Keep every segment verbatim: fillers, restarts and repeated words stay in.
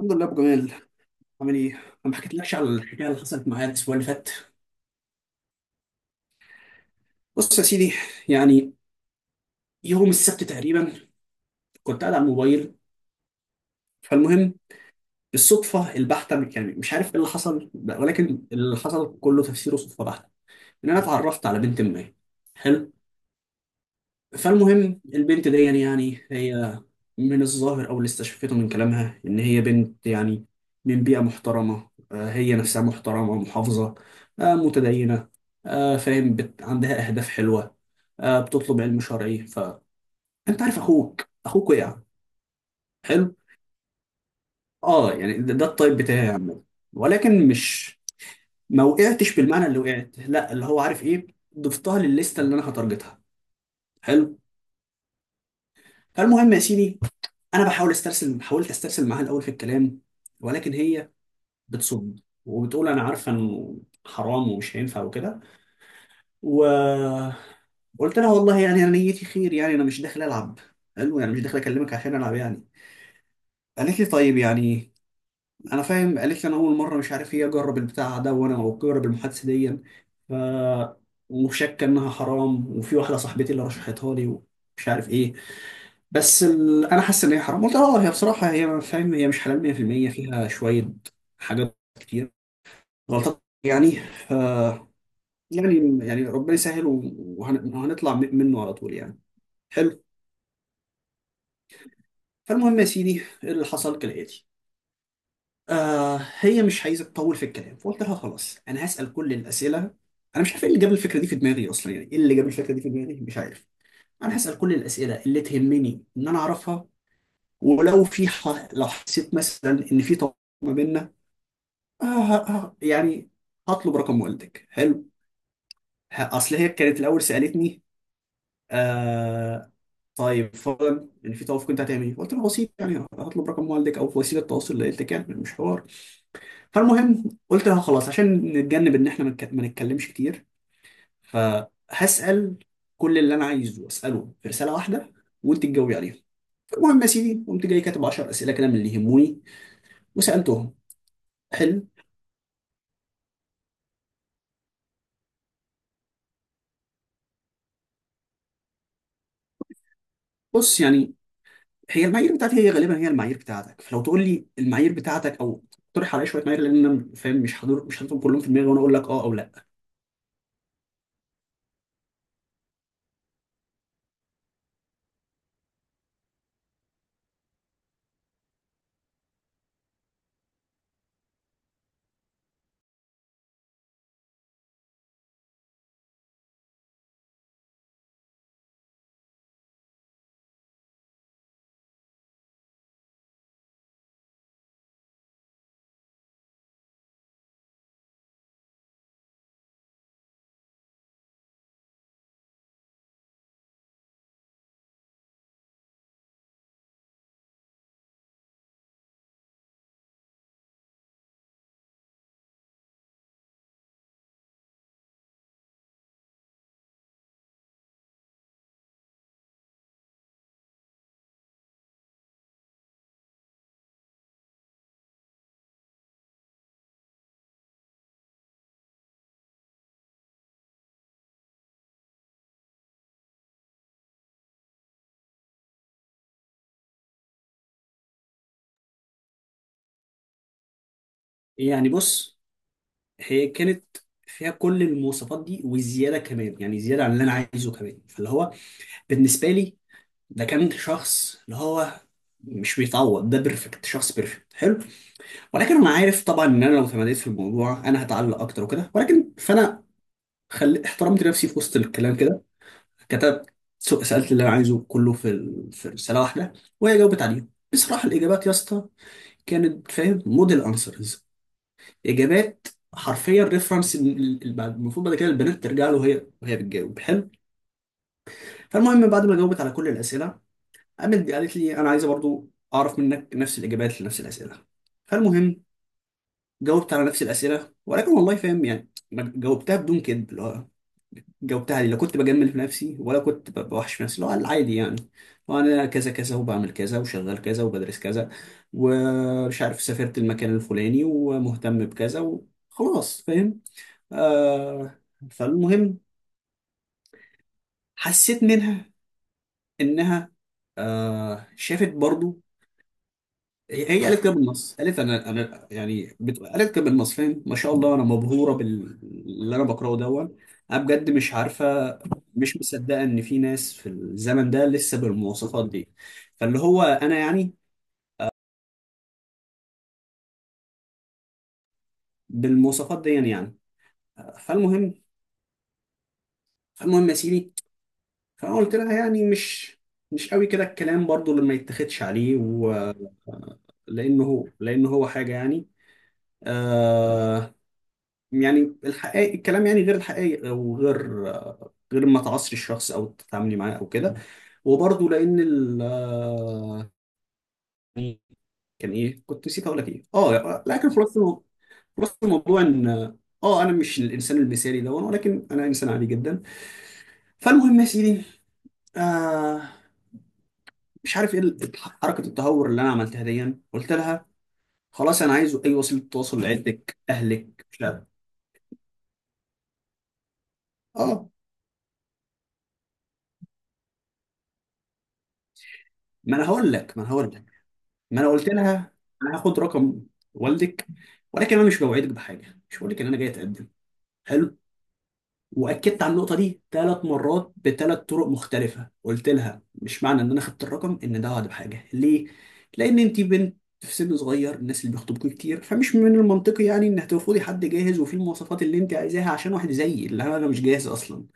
الحمد لله ابو جمال، عامل ايه؟ انا ما حكيتلكش على الحكايه اللي حصلت معايا الاسبوع اللي فات. بص يا سيدي، يعني يوم السبت تقريبا كنت قاعد على الموبايل. فالمهم الصدفه البحته، يعني مش عارف ايه اللي حصل، ولكن اللي حصل كله تفسيره صدفه بحته، ان انا اتعرفت على بنت ما. حلو. فالمهم البنت دي يعني, يعني هي، من الظاهر أو اللي استشفيته من كلامها إن هي بنت يعني من بيئة محترمة، آه، هي نفسها محترمة محافظة، آه، متدينة، آه، فاهم بت... عندها أهداف حلوة، آه، بتطلب علم شرعي. فأنت عارف، أخوك أخوك وقع. حلو. آه يعني ده, ده الطيب بتاعي يا عم، ولكن مش، ما وقعتش بالمعنى اللي وقعت، لا، اللي هو عارف إيه، ضفتها للليستة اللي أنا هتارجتها. حلو. فالمهم يا سيدي، أنا بحاول أسترسل، حاولت أسترسل معاها الأول في الكلام، ولكن هي بتصد وبتقول انا عارفه انه حرام ومش هينفع وكده. وقلت لها والله يعني انا نيتي خير، يعني انا مش داخل العب، حلو، يعني مش داخل اكلمك عشان العب يعني. قالت لي طيب، يعني انا فاهم. قالت لي انا اول مره مش عارف ايه، اجرب البتاع ده وانا اجرب المحادثه دي. ف وشاكه انها حرام، وفي واحده صاحبتي اللي رشحتها لي ومش عارف ايه. بس ال... انا حاسس ان هي حرام. قلت لها اه هي بصراحه، هي فاهم، هي مش حلال مية في المية، فيها شويه حاجات كتير، غلطات يعني. ف يعني يعني ربنا يسهل وه- وهن- وهنطلع م- منه على طول يعني. حلو. فالمهم يا سيدي، اللي حصل كالآتي. آه هي مش عايزة تطول في الكلام، فقلت لها خلاص أنا هسأل كل الأسئلة. أنا مش عارف إيه اللي جاب الفكرة دي في دماغي أصلا، يعني إيه اللي جاب الفكرة دي في دماغي مش عارف. أنا هسأل كل الأسئلة اللي تهمني إن أنا أعرفها، ولو في ح... لو حسيت مثلا إن في طلاق ما بيننا، آه آه آه، يعني هطلب رقم والدك. حلو. ه- أصل هي كانت الأول سألتني، آه طيب فورا يعني في توافق انت هتعمل ايه؟ قلت له بسيط، يعني هطلب رقم والدك او وسيله تواصل، اللي قلت لك يعني مش حوار. فالمهم قلت له خلاص عشان نتجنب ان احنا ما نتك- ما نتكلمش كتير، فهسال كل اللي انا عايزه اساله في رساله واحده، وانت تجاوبي عليها. المهم يا سيدي، قمت جاي كاتب 10 اسئله كده من اللي يهموني، وسالتهم. حلو. بص، يعني هي المعايير بتاعتي هي غالبا هي المعايير بتاعتك، فلو تقول لي المعايير بتاعتك او تقترح عليا شويه معايير، لان انا فاهم مش حاضر، مش حاططهم كلهم في دماغي وانا اقول لك اه او لا. يعني بص، هي كانت فيها كل المواصفات دي وزياده كمان، يعني زياده عن اللي انا عايزه كمان، فاللي هو بالنسبه لي، ده كان شخص اللي هو مش بيتعوض، ده بيرفكت، شخص بيرفكت. حلو. ولكن انا عارف طبعا ان انا لو تمديت في الموضوع انا هتعلق اكتر وكده، ولكن فانا خلي احترمت نفسي في وسط الكلام كده، كتبت، سو- سالت اللي انا عايزه كله في ال- في رساله واحده، وهي جاوبت عليه. بصراحه الاجابات يا اسطى كانت فاهم موديل انسرز، اجابات حرفيا ريفرنس المفروض بعد كده البنات ترجع له وهي وهي بتجاوب. حلو. فالمهم بعد ما جاوبت على كل الاسئله، قامت قالت لي انا عايزه برضو اعرف منك نفس الاجابات لنفس الاسئله. فالمهم جاوبت على نفس الاسئله، ولكن والله فاهم يعني ما جاوبتها بدون كذب، اللي هو جاوبتها لي، لا كنت بجمل في نفسي، ولا كنت ب- بوحش في نفسي، اللي هو العادي يعني. وانا كذا كذا، وبعمل كذا، وشغال كذا، وبدرس كذا، ومش عارف سافرت المكان الفلاني، ومهتم بكذا، وخلاص فاهم. آه فالمهم حسيت منها انها، آه شافت برضو، هي هي قالت كده بالنص، قالت انا انا يعني بت- قالت كده بالنص، فاهم ما شاء الله انا مبهوره باللي انا بقراه، دون، انا بجد مش عارفه، مش مصدقه ان في ناس في الزمن ده لسه بالمواصفات دي، فاللي هو انا يعني بالمواصفات دي يعني. فالمهم فالمهم يا سيدي، فانا قلت لها يعني مش مش قوي كده الكلام برضو، اللي ما يتاخدش عليه، لانه هو لانه هو حاجه يعني، آه يعني الحقيقة الكلام، يعني غير الحقيقي، وغير آه، غير ما تعصري الشخص او تتعاملي معاه او كده. وبرضه لان ال آه، كان ايه كنت نسيت اقول لك ايه، اه لكن خلاصه المو- خلاصه الموضوع ان، اه انا مش الانسان المثالي ده، ولكن انا انسان عادي جدا. فالمهم يا سيدي، آه مش عارف ايه ال- حركه التهور اللي انا عملتها دي، قلت لها خلاص انا عايز اي وسيله تواصل لعيلتك، اهلك، مش عارف. اه ما انا هقول لك ما انا هقول لك، ما انا قلت لها انا هاخد رقم والدك، ولكن انا مش بوعدك بحاجه، مش بقول لك ان انا جاي اتقدم. حلو. واكدت على النقطه دي ثلاث مرات بثلاث طرق مختلفه، قلت لها مش معنى ان انا خدت الرقم ان ده وعد بحاجه، ليه؟ لان انت بنت في سن صغير، الناس اللي بيخطبوك كتير، فمش من المنطقي يعني ان هترفضي حد جاهز وفيه المواصفات اللي انت عايزاها عشان واحد زيي اللي انا مش جاهز اصلا.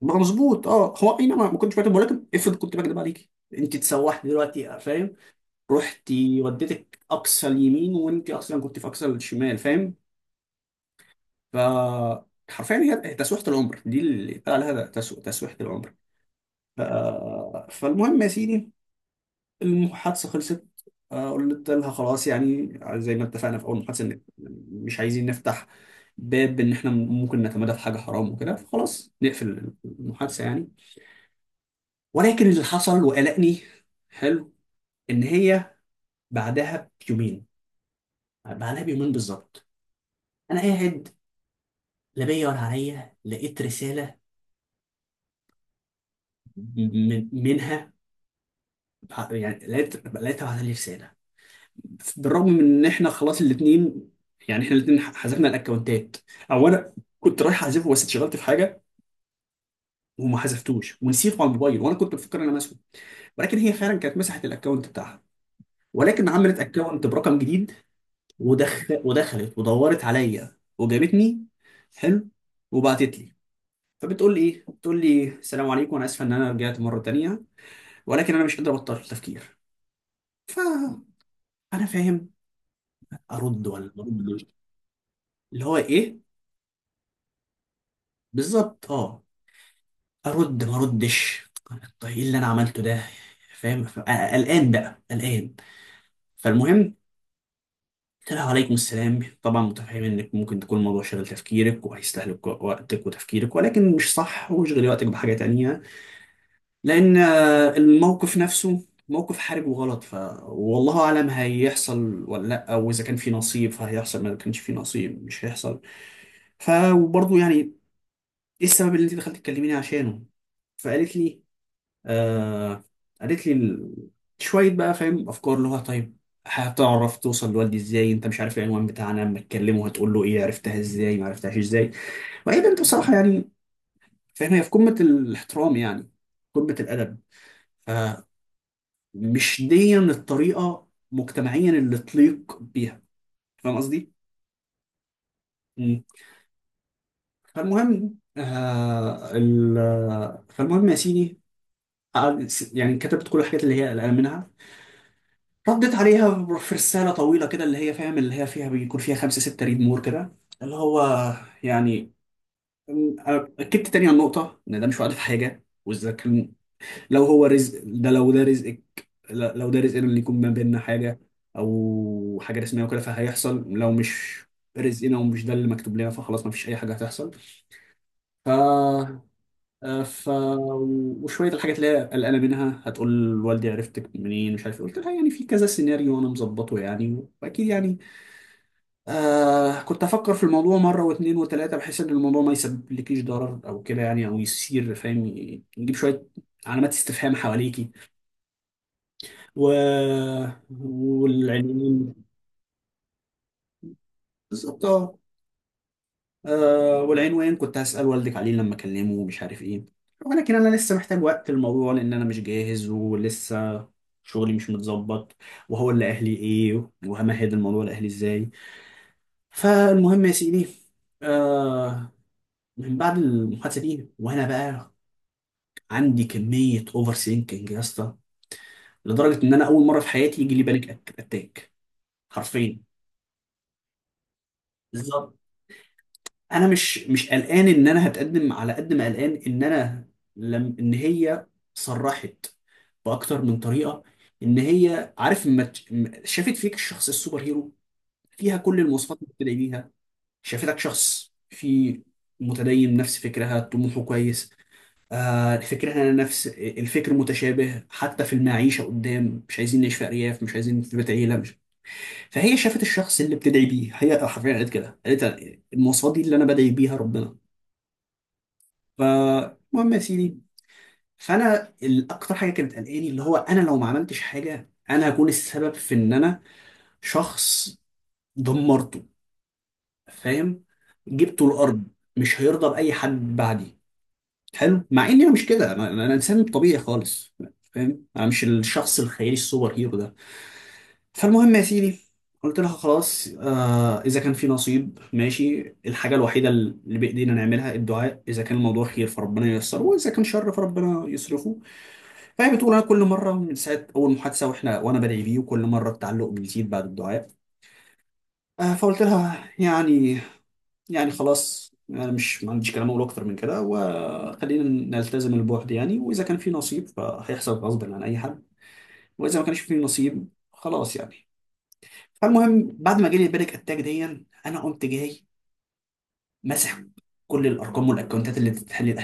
ما مظبوط، اه هو اي نعم، ما كنتش بكذب، ولكن افرض كنت بكذب عليكي، انت تسوحني دلوقتي فاهم، رحتي وديتك اقصى اليمين وانت اصلا كنت في اقصى الشمال فاهم. ف حرفيا هي تسويحة العمر دي اللي اتقال عليها ده، تسو- تسويحة العمر. ف... فالمهم يا سيدي، المحادثة خلصت. آه، قلت لها خلاص يعني زي ما اتفقنا في اول محادثة ان مش عايزين نفتح باب ان احنا ممكن نتمادى في حاجة حرام وكده، فخلاص نقفل المحادثة يعني. ولكن اللي حصل وقلقني، حلو، ان هي بعدها بيومين، بعدها بيومين بالظبط، انا قاعد، لا بيدور عليا، لقيت رسالة من منها. يعني لقيت لقيتها بعت لي رسالة، بالرغم من ان احنا خلاص الاتنين، يعني احنا الاتنين حذفنا الاكونتات، او انا كنت رايح احذفه بس اتشغلت في حاجة وما حذفتوش ونسيته على الموبايل، وانا كنت بفكر ان انا ماسحه، ولكن هي فعلا كانت مسحت الاكونت بتاعها، ولكن عملت اكونت برقم جديد. ودخل ودخلت ودورت عليا وجابتني. حلو. وبعتت لي، فبتقول لي ايه؟ بتقول لي السلام عليكم، انا اسفه ان انا رجعت مره تانيه، ولكن انا مش قادر ابطل التفكير. فانا فاهم، ارد ولا ما اردش، اللي هو ايه بالظبط، اه ارد ما اردش، طيب ايه اللي انا عملته ده، فاهم. ف- آه، قلقان بقى، قلقان. فالمهم قلت لها عليكم السلام، طبعا متفهم انك ممكن تكون الموضوع شغل تفكيرك وهيستهلك وقتك وتفكيرك، ولكن مش صح، واشغلي وقتك بحاجه تانية، لان آه، الموقف نفسه موقف حرج وغلط. ف والله اعلم هيحصل ولا لا، او اذا كان في نصيب فهيحصل، ما كانش في نصيب مش هيحصل. ف وبرضه يعني ايه السبب اللي انت دخلت تكلميني عشانه. فقالت لي، آه قالت لي ال- شويه بقى فاهم افكار، اللي هو طيب هتعرف توصل لوالدي ازاي، انت مش عارف العنوان بتاعنا، اما تكلمه هتقول له ايه؟ عرفتها ازاي ما عرفتهاش ازاي. وهي بنت بصراحه يعني، فاهم هي في قمه الاحترام يعني، قمه الادب، فمش دي الطريقه مجتمعيا اللي تليق بيها، فاهم قصدي؟ مم. فالمهم آه ال- فالمهم يا سيدي، قعد- يعني كتبت كل الحاجات اللي هي قلقان منها، رديت عليها في رسالة طويلة كده، اللي هي فاهم، اللي هي فيها، بيكون فيها خمسة ستة ريد مور كده، اللي هو يعني، أم- أكدت تاني على النقطة إن ده مش وعد في حاجة، وإذا كان، لو هو رزق ده، لو ده رزقك لا- لو ده رزقنا اللي يكون ما بيننا حاجة أو حاجة رسمية وكده، فهيحصل، لو مش رزقنا ومش ده اللي مكتوب لنا فخلاص ما فيش أي حاجة هتحصل. ف آه، ف وشويه الحاجات اللي هي قلقانه منها، هتقول والدي عرفتك منين، مش عارف إيه. قلت لها يعني في كذا سيناريو انا مظبطه يعني، واكيد يعني، آه كنت افكر في الموضوع مره واثنين وثلاثه، بحيث ان الموضوع ما يسببلكيش ضرر او كده يعني، او يصير فاهم يجيب شويه علامات استفهام حواليكي، و... والعلمين بالظبط. آه. آه والعنوان كنت هسأل والدك عليه لما أكلمه ومش عارف إيه، ولكن أنا لسه محتاج وقت الموضوع، لأن أنا مش جاهز ولسه شغلي مش متظبط، وهو اللي أهلي إيه، وهمهد الموضوع لأهلي إزاي. فالمهم يا سيدي، آه من بعد المحادثة دي وأنا بقى عندي كمية أوفر سينكينج يا اسطى، لدرجة إن أنا أول مرة في حياتي يجي لي بانيك أتاك حرفيا بالظبط. انا مش مش قلقان ان انا هتقدم على قد ما قلقان ان انا، لم ان هي صرحت باكتر من طريقه ان هي عارف، ما ت- ما- شافت فيك الشخص السوبر هيرو، فيها كل المواصفات اللي بتدعي بيها. شافتك شخص في، متدين، نفس فكرها، طموحه كويس، آه فكرها نفس الفكر متشابه حتى في المعيشه قدام، مش عايزين نعيش في ارياف، مش عايزين في بيت عيله، مش. فهي شافت الشخص اللي بتدعي بيه، هي حرفيا قالت كده، قالت المواصفات دي اللي انا بدعي بيها ربنا. فالمهم يا سيدي، فانا الاكتر حاجه كانت قلقاني اللي هو، انا لو ما عملتش حاجه انا هكون السبب في ان انا شخص دمرته فاهم، جبته الارض، مش هيرضى باي حد بعدي. حلو. مع اني انا مش كده، انا انا انسان طبيعي خالص فاهم، انا مش الشخص الخيالي السوبر هيرو ده. فالمهم يا سيدي، قلت لها خلاص آه اذا كان في نصيب ماشي، الحاجه الوحيده اللي بايدينا نعملها الدعاء، اذا كان الموضوع خير فربنا ييسره، واذا كان شر فربنا يصرفه. فهي بتقول انا كل مره من ساعه اول محادثه واحنا، وانا بدعي بيه، وكل مره التعلق بيزيد بعد الدعاء. آه، فقلت لها يعني يعني خلاص انا مش، ما عنديش كلام اقول اكتر من كده، وخلينا نلتزم البعد يعني، واذا كان في نصيب فهيحصل غصب عن اي حد، واذا ما كانش في نصيب خلاص يعني. فالمهم بعد ما جالي البانيك اتاك دي، انا قمت جاي مسح كل الارقام والاكونتات اللي بتتحلل،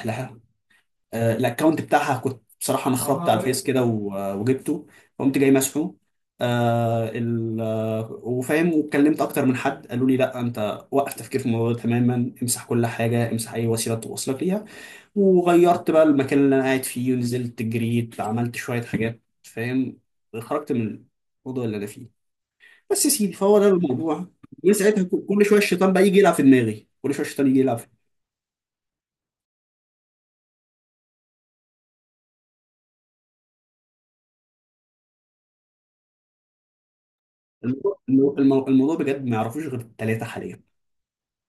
آه، الاكونت بتاعها كنت بصراحه انا خربت على الفيس كده و- وجبته، قمت جاي مسحه. آه ال آه، وفاهم واتكلمت اكتر من حد قالوا لي لا انت وقف تفكير في الموضوع ده تماما، امسح كل حاجه، امسح اي وسيله توصلك ليها، وغيرت بقى المكان اللي انا قاعد فيه ونزلت جريت عملت شويه حاجات فاهم، خرجت من الموضوع اللي انا فيه، بس يا سيدي، فهو ده الموضوع. من ساعتها كل شويه الشيطان بقى يجي يلعب في دماغي، كل شويه الشيطان يجي يلعب في الموضوع. الموضوع الموضوع بجد ما يعرفوش غير الثلاثه حاليا،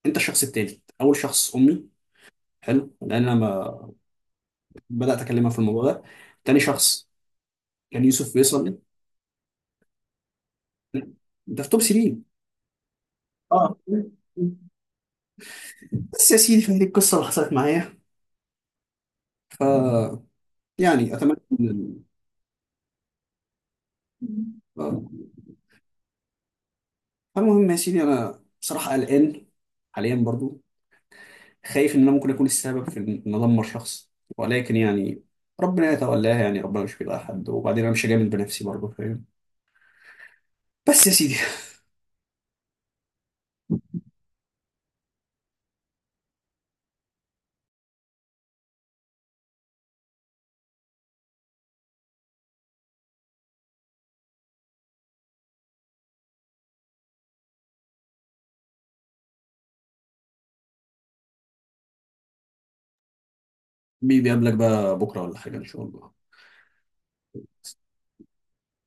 انت الشخص التالت، اول شخص امي، حلو، لان انا ما بدات اكلمها في الموضوع ده، تاني شخص كان يوسف فيصل، ده في توب تري. اه بس يا سيدي، فهذه القصه اللي حصلت معايا. ف يعني اتمنى ان ال- آه. فالمهم يا سيدي، انا بصراحه قلقان حاليا برضو، خايف ان انا ممكن اكون السبب في ان ادمر شخص، ولكن يعني ربنا يتولاها، يعني ربنا مش بيضيع حد، وبعدين انا مش هجامل بنفسي برضو فاهم. بس يا سيدي، بي- بيقابلك بقى بكره ولا حاجه ان شاء الله.